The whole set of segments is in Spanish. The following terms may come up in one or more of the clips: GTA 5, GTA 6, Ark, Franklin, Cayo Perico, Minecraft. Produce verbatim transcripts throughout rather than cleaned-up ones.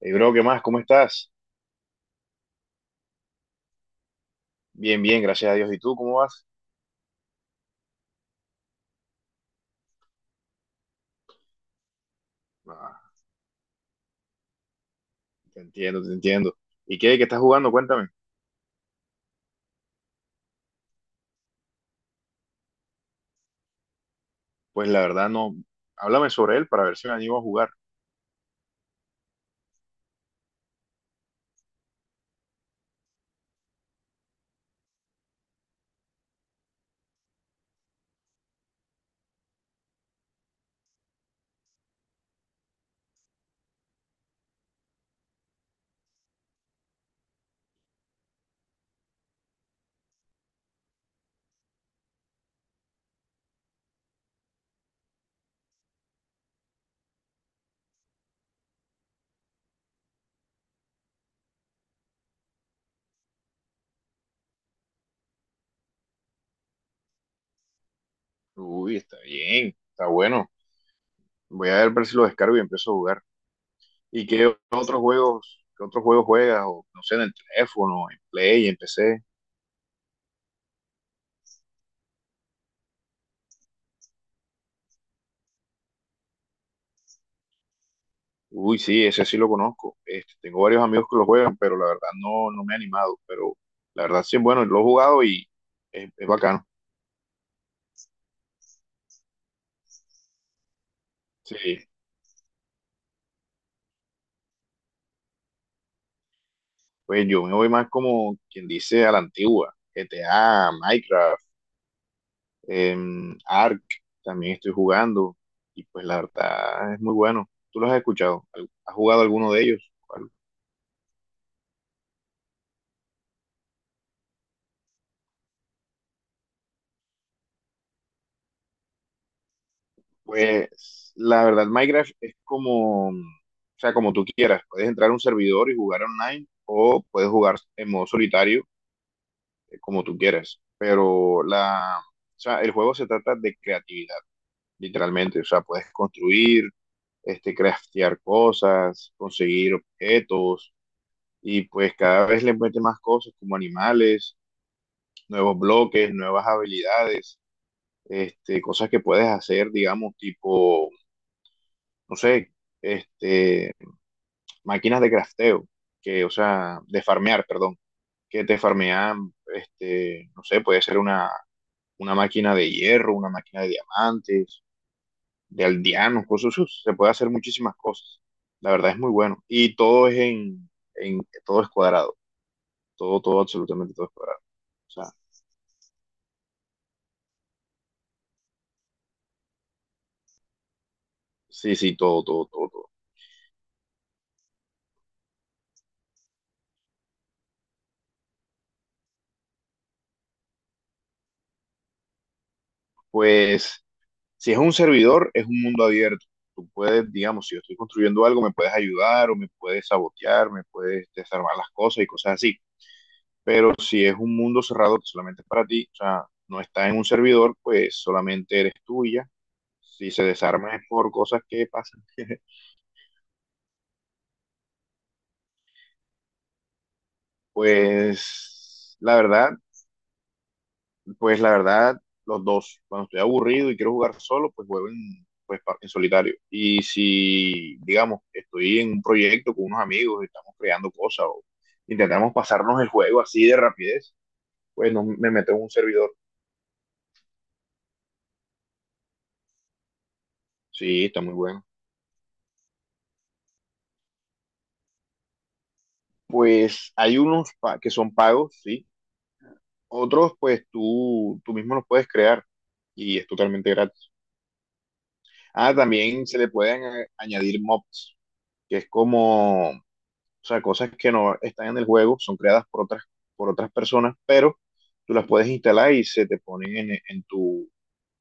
Hey, bro, ¿qué más? ¿Cómo estás? Bien, bien, gracias a Dios. ¿Y tú cómo vas? Ah, te entiendo, te entiendo. ¿Y qué, qué estás jugando? Cuéntame. Pues la verdad no. Háblame sobre él para ver si me animo a jugar. Uy, está bien, está bueno. Voy a ver si lo descargo y empiezo a jugar. ¿Y qué otros juegos, qué otros juegos juegas? O, no sé, en el teléfono, en Play, en P C. Uy, sí, ese sí lo conozco. Este, tengo varios amigos que lo juegan, pero la verdad no, no me he animado. Pero la verdad sí, bueno, lo he jugado y es, es bacano. Sí. Pues yo me voy más como quien dice a la antigua, G T A, Minecraft, em, Ark, también estoy jugando y pues la verdad es muy bueno. ¿Tú los has escuchado? ¿Al- ¿Has jugado alguno de ellos? ¿Cuál? Pues la verdad Minecraft es como, o sea, como tú quieras. Puedes entrar a un servidor y jugar online o puedes jugar en modo solitario eh, como tú quieras. Pero la, o sea, el juego se trata de creatividad. Literalmente. O sea, puedes construir, este, craftear cosas, conseguir objetos y pues cada vez le mete más cosas como animales, nuevos bloques, nuevas habilidades, este, cosas que puedes hacer, digamos, tipo, no sé, este, máquinas de crafteo, que, o sea, de farmear, perdón, que te farmean, este, no sé, puede ser una, una máquina de hierro, una máquina de diamantes de aldeanos, cosas, uf, se puede hacer muchísimas cosas. La verdad es muy bueno. Y todo es en, en, todo es cuadrado. Todo, todo, absolutamente todo es cuadrado. O sea, sí, sí, todo, todo, todo, todo. Pues, si es un servidor, es un mundo abierto. Tú puedes, digamos, si yo estoy construyendo algo, me puedes ayudar o me puedes sabotear, me puedes desarmar las cosas y cosas así. Pero si es un mundo cerrado que solamente es para ti, o sea, no está en un servidor, pues solamente eres tuya. Si se desarma es por cosas que pasan. Pues la verdad, pues la verdad, los dos. Cuando estoy aburrido y quiero jugar solo, pues juego en, pues, pa- en solitario. Y si, digamos, estoy en un proyecto con unos amigos y estamos creando cosas o intentamos pasarnos el juego así de rapidez, pues no, me meto en un servidor. Sí, está muy bueno. Pues hay unos pa- que son pagos, sí. Otros, pues tú, tú mismo los puedes crear y es totalmente gratis. Ah, también se le pueden eh, añadir mobs, que es como. O sea, cosas que no están en el juego, son creadas por otras, por otras personas, pero tú las puedes instalar y se te ponen en, en tu,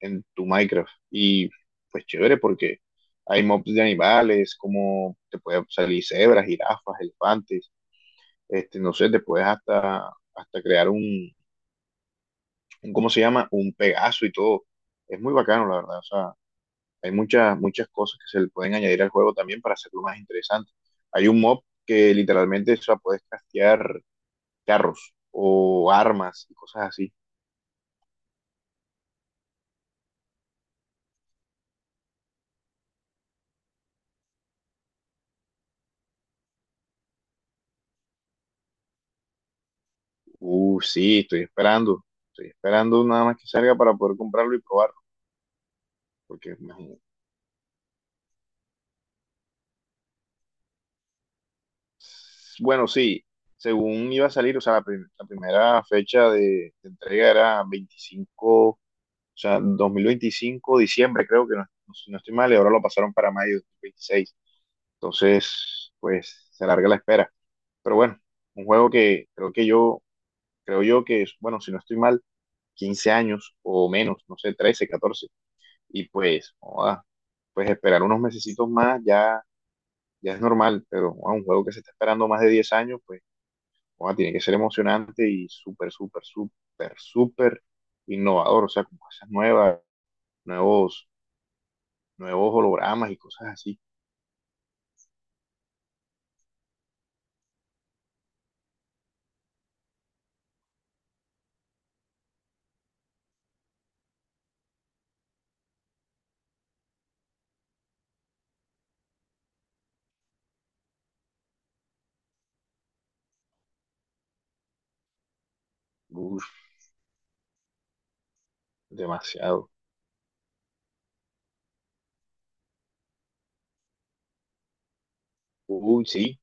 en tu Minecraft. Y pues chévere porque hay mobs de animales, como te pueden salir cebras, jirafas, elefantes, este, no sé, te puedes hasta, hasta crear un, un, ¿cómo se llama? Un Pegaso y todo. Es muy bacano, la verdad. O sea, hay muchas, muchas cosas que se le pueden añadir al juego también para hacerlo más interesante. Hay un mob que literalmente, o sea, puedes castear carros o armas y cosas así. Uh, sí, estoy esperando. Estoy esperando nada más que salga para poder comprarlo y probarlo. Porque, imagínate. Bueno, sí, según iba a salir, o sea, la, prim- la primera fecha de, de entrega era veinticinco, o sea, dos mil veinticinco diciembre, creo que no, no- si no estoy mal, y ahora lo pasaron para mayo de dos mil veintiséis. Entonces, pues se alarga la espera. Pero bueno, un juego que creo que yo, creo yo que, es, bueno, si no estoy mal, quince años o menos, no sé, trece catorce. Y pues, joda, pues esperar unos mesecitos más ya, ya es normal, pero joda, un juego que se está esperando más de diez años, pues joda, tiene que ser emocionante y súper, súper, súper, súper innovador, o sea, con cosas nuevas, nuevos, nuevos hologramas y cosas así. Uf, demasiado. Uy, sí,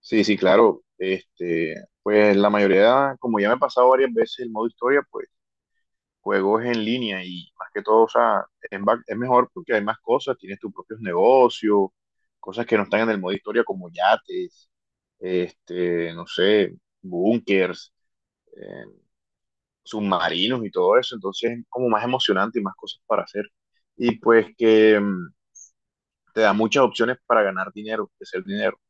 sí, sí, claro. Este, pues la mayoría, como ya me ha pasado varias veces el modo historia, pues juegos en línea y más que todo, o sea, en back- es mejor porque hay más cosas, tienes tus propios negocios, cosas que no están en el modo historia como yates, este, no sé, búnkers, eh, submarinos y todo eso, entonces es como más emocionante y más cosas para hacer. Y pues que mm, te da muchas opciones para ganar dinero, hacer dinero.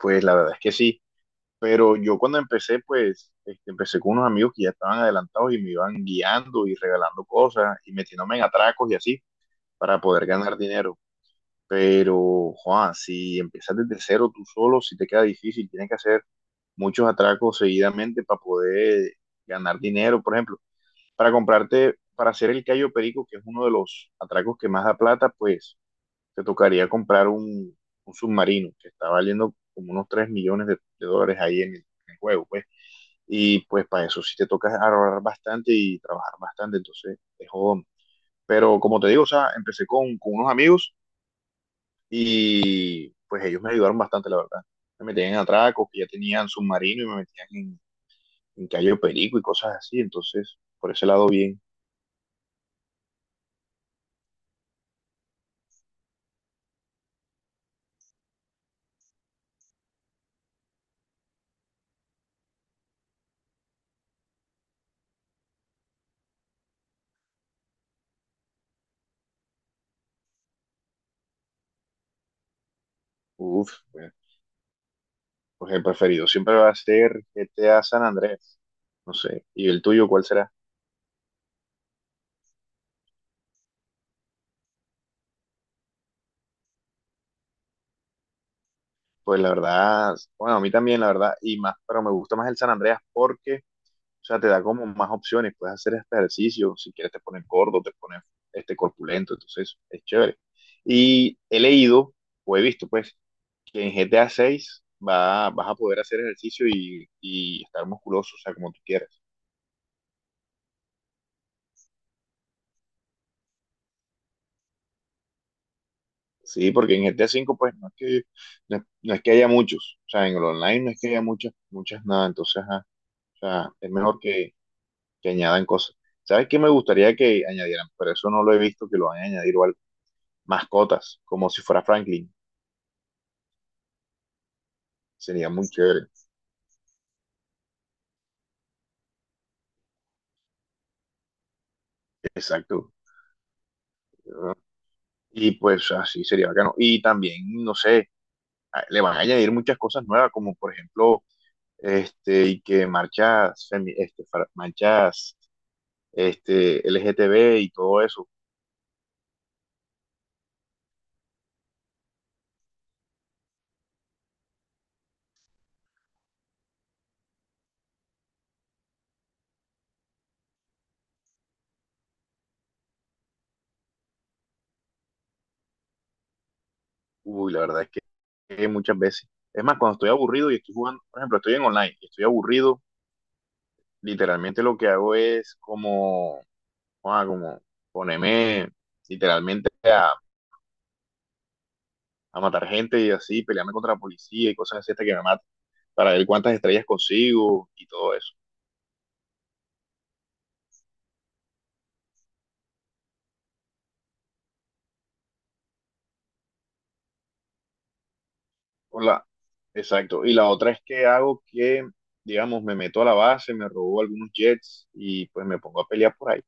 Pues la verdad es que sí. Pero yo cuando empecé, pues este, empecé con unos amigos que ya estaban adelantados y me iban guiando y regalando cosas y metiéndome en atracos y así para poder ganar dinero. Pero, Juan, si empiezas desde cero tú solo, si te queda difícil, tienes que hacer muchos atracos seguidamente para poder ganar dinero. Por ejemplo, para comprarte, para hacer el callo perico, que es uno de los atracos que más da plata, pues te tocaría comprar un, un submarino que está valiendo como unos tres millones de, de dólares ahí en el, en el juego, pues. Y pues para eso sí te toca ahorrar bastante y trabajar bastante, entonces es jodón. Pero como te digo, o sea, empecé con, con unos amigos. Y pues ellos me ayudaron bastante, la verdad. Me metían en atracos, que ya tenían submarino y me metían en, en Cayo Perico y cosas así. Entonces, por ese lado, bien. Uf, pues, pues el preferido siempre va a ser G T a San Andrés. No sé. ¿Y el tuyo cuál será? Pues la verdad, bueno, a mí también, la verdad, y más, pero me gusta más el San Andreas porque, o sea, te da como más opciones. Puedes hacer este ejercicio, si quieres te pones gordo, te pones este corpulento, entonces es chévere. Y he leído, o he visto, pues, que en G T A seis va, vas a poder hacer ejercicio y, y estar musculoso, o sea, como tú quieras. Sí, porque en G T A cinco pues no es que, no, es no es que haya muchos, o sea, en el online no es que haya muchas, muchas nada, entonces, ajá, o sea, es mejor que, que, añadan cosas. ¿Sabes qué me gustaría que añadieran? Pero eso no lo he visto que lo van a añadir o algo. Mascotas, como si fuera Franklin, sería muy chévere. Exacto. Y pues así sería bacano. Y también, no sé, a- le van a añadir muchas cosas nuevas, como por ejemplo este, y que marchas, femi- este, far- marchas este, L G T B y todo eso. Uy, la verdad es que, que muchas veces. Es más, cuando estoy aburrido y estoy jugando, por ejemplo, estoy en online y estoy aburrido, literalmente lo que hago es como, ah, como ponerme literalmente a, a matar gente y así, pelearme contra la policía y cosas así hasta que me maten, para ver cuántas estrellas consigo y todo eso. Hola, exacto. Y la otra es que hago que, digamos, me meto a la base, me robo algunos jets y pues me pongo a pelear por ahí.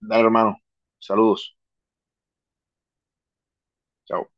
Dale, hermano. Saludos. Chao.